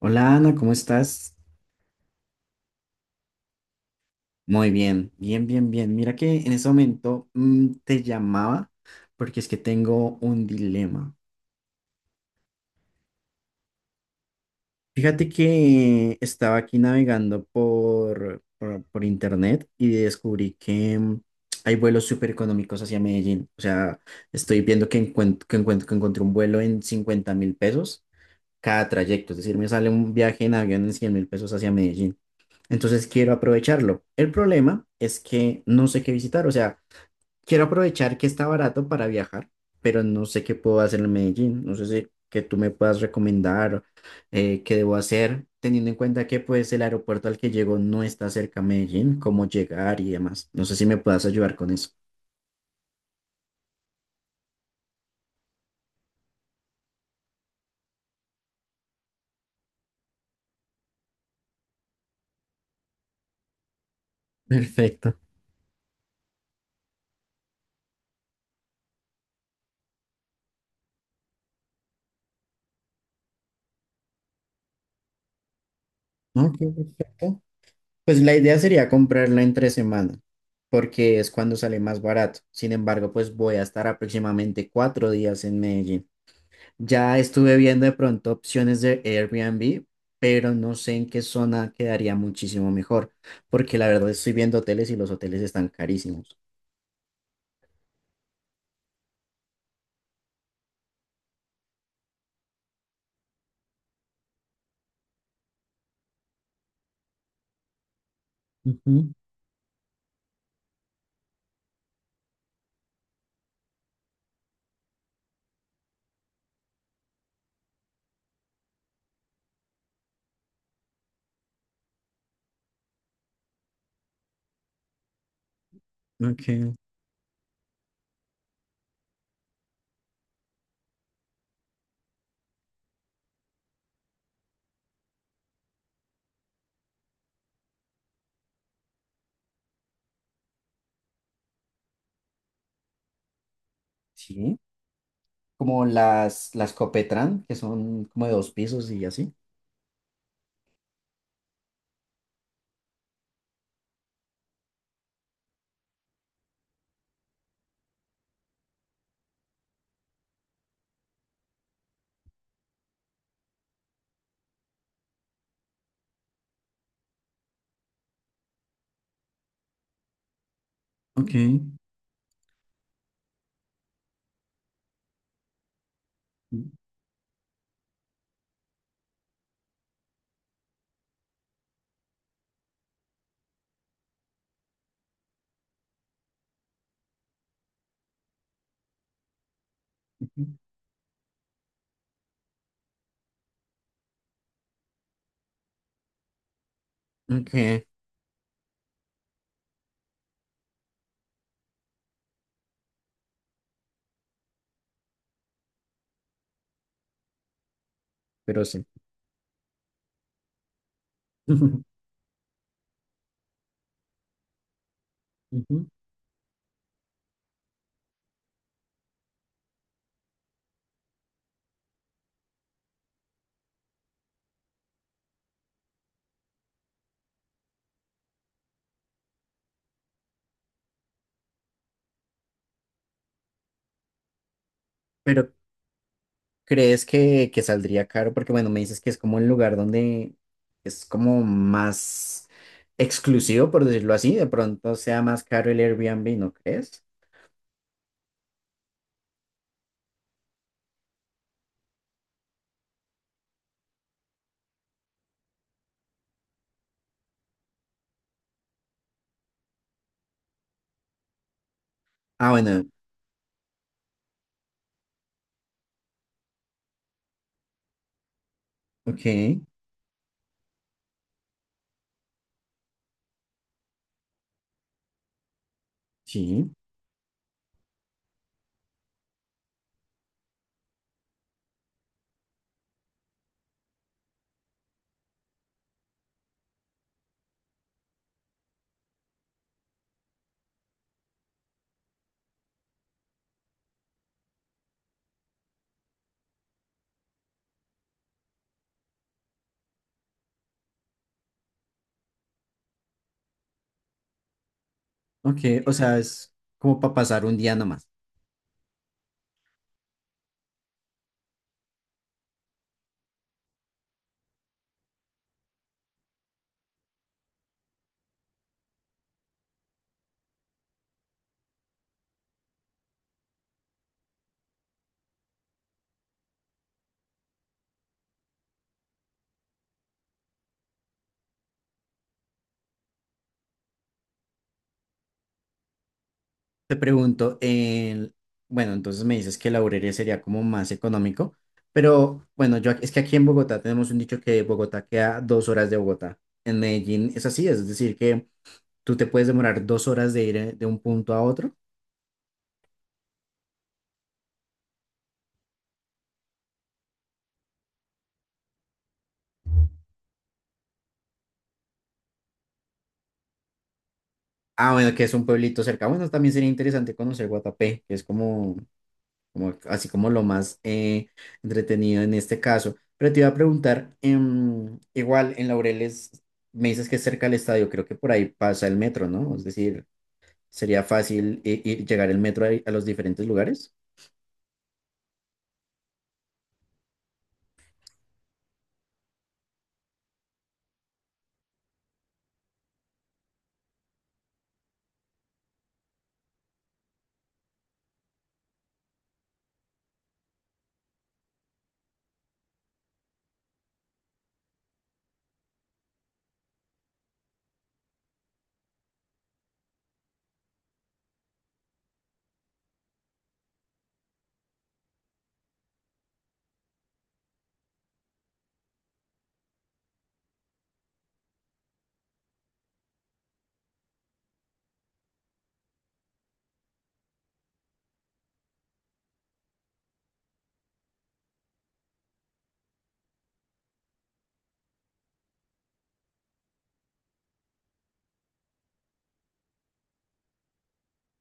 Hola Ana, ¿cómo estás? Muy bien, bien, bien, bien. Mira que en ese momento te llamaba porque es que tengo un dilema. Fíjate que estaba aquí navegando por internet y descubrí que hay vuelos súper económicos hacia Medellín. O sea, estoy viendo que encuentro, que encuentro, que encontré un vuelo en 50.000 pesos cada trayecto. Es decir, me sale un viaje en avión en 100.000 pesos hacia Medellín. Entonces quiero aprovecharlo. El problema es que no sé qué visitar. O sea, quiero aprovechar que está barato para viajar, pero no sé qué puedo hacer en Medellín. No sé si que tú me puedas recomendar qué debo hacer, teniendo en cuenta que pues el aeropuerto al que llego no está cerca a Medellín, cómo llegar y demás. No sé si me puedas ayudar con eso. Perfecto. Ok, perfecto. Pues la idea sería comprarla entre semana, porque es cuando sale más barato. Sin embargo, pues voy a estar aproximadamente 4 días en Medellín. Ya estuve viendo de pronto opciones de Airbnb, pero no sé en qué zona quedaría muchísimo mejor, porque la verdad estoy viendo hoteles y los hoteles están carísimos. Ujú, ok. Sí. Como las Copetran, que son como de 2 pisos y así. Ok. Ujú, ok, pero sí. Ujú. Pero ¿crees que saldría caro? Porque bueno, me dices que es como el lugar donde es como más exclusivo, por decirlo así, de pronto sea más caro el Airbnb, ¿no crees? Ah, bueno, ok, sí, ok, o sea, es como para pasar un día nomás. Te pregunto, el, bueno, entonces me dices que la Laureles sería como más económico, pero bueno, yo ac- es que aquí en Bogotá tenemos un dicho que Bogotá queda 2 horas de Bogotá. En Medellín es así, es decir, que tú te puedes demorar 2 horas de ir de un punto a otro. Ah, bueno, que es un pueblito cerca. Bueno, también sería interesante conocer Guatapé, que es como, como así como lo más entretenido en este caso. Pero te iba a preguntar, igual en Laureles me dices que es cerca del estadio, creo que por ahí pasa el metro, ¿no? Es decir, sería fácil i- ir- llegar el metro a los diferentes lugares.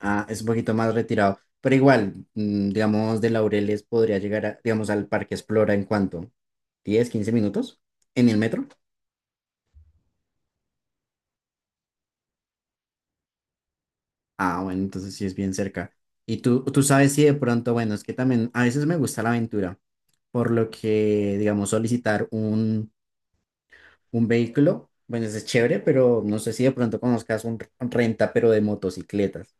Ah, es un poquito más retirado, pero igual, digamos, de Laureles podría llegar, a- digamos, al Parque Explora en cuanto, 10, 15 minutos en el metro. Ah, bueno, entonces sí es bien cerca. Y tú sabes si de pronto, bueno, es que también a veces me gusta la aventura, por lo que, digamos, solicitar un vehículo, bueno, eso es chévere, pero no sé si de pronto conozcas un r- renta, pero de motocicletas.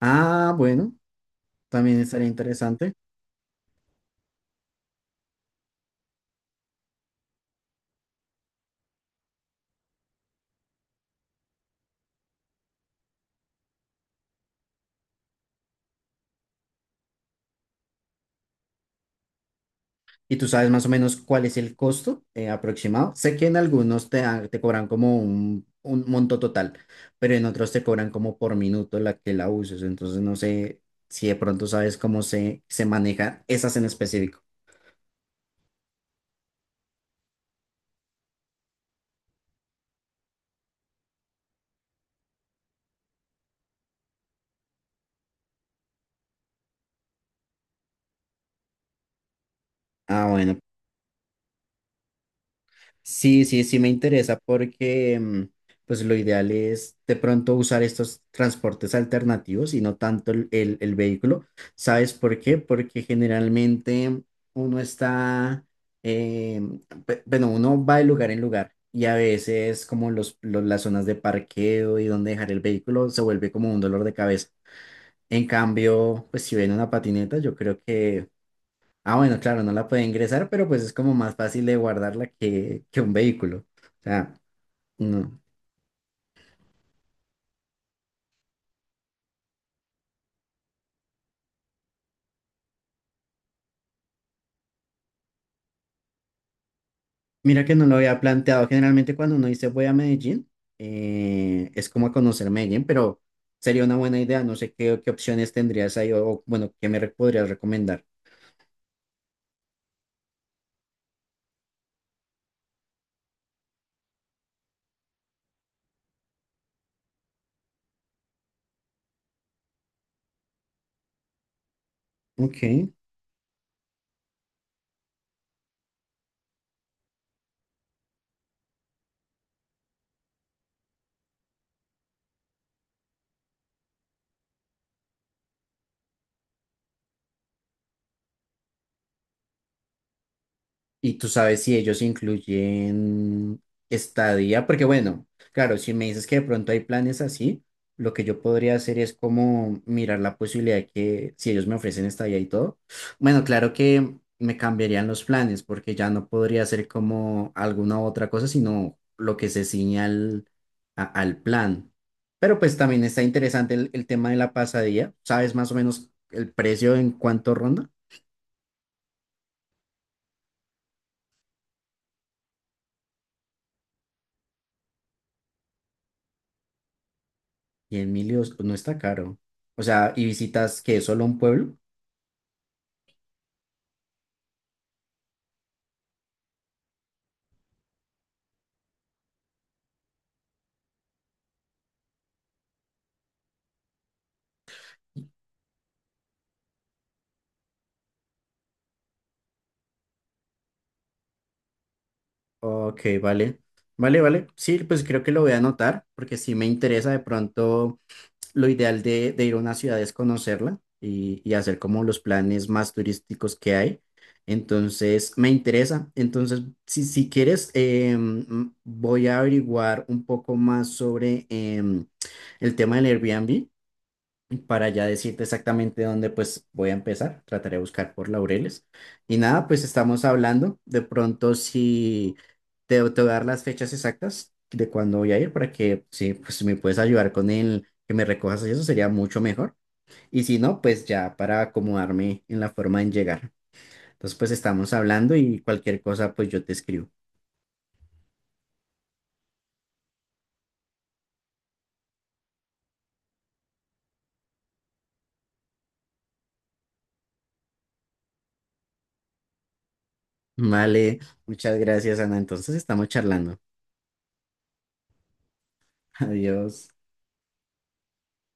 Ah, bueno, también estaría interesante. ¿Y tú sabes más o menos cuál es el costo aproximado? Sé que en algunos te, dan- te cobran como un monto total, pero en otros te cobran como por minuto la que la uses. Entonces no sé si de pronto sabes cómo se, se manejan esas en específico. Ah, bueno, sí, sí, sí me interesa porque pues lo ideal es de pronto usar estos transportes alternativos y no tanto el vehículo. ¿Sabes por qué? Porque generalmente uno está, eh, pe- bueno, uno va de lugar en lugar y a veces como los- las zonas de parqueo y donde dejar el vehículo se vuelve como un dolor de cabeza. En cambio, pues si ven una patineta, yo creo que ah, bueno, claro, no la puede ingresar, pero pues es como más fácil de guardarla que un vehículo. O sea, no. Mira que no lo había planteado. Generalmente cuando uno dice voy a Medellín, es como a conocer Medellín, pero sería una buena idea. No sé qué, qué opciones tendrías ahí o, bueno, qué me re- podrías recomendar. Ok. Y tú sabes si ellos incluyen estadía, porque bueno, claro, si me dices que de pronto hay planes así, lo que yo podría hacer es como mirar la posibilidad de que si ellos me ofrecen estadía y todo, bueno, claro que me cambiarían los planes porque ya no podría hacer como alguna otra cosa, sino lo que se ciñe al, a- al plan. Pero pues también está interesante el tema de la pasadía. ¿Sabes más o menos el precio en cuánto ronda? Y en Emilio no está caro. O sea, ¿y visitas que solo un pueblo? Ok, vale. Vale, vale. Sí, pues creo que lo voy a anotar porque sí me interesa de pronto lo ideal de ir a una ciudad es conocerla y hacer como los planes más turísticos que hay. Entonces, me interesa. Entonces, si, si quieres, voy a averiguar un poco más sobre el tema del Airbnb para ya decirte exactamente dónde pues voy a empezar. Trataré de buscar por Laureles. Y nada, pues estamos hablando. De pronto si te, te voy a dar las fechas exactas de cuándo voy a ir para que sí pues si me puedes ayudar con el que me recojas y eso sería mucho mejor. Y si no, pues ya para acomodarme en la forma en llegar. Entonces pues estamos hablando y cualquier cosa pues yo te escribo. Vale, muchas gracias Ana. Entonces estamos charlando. Adiós.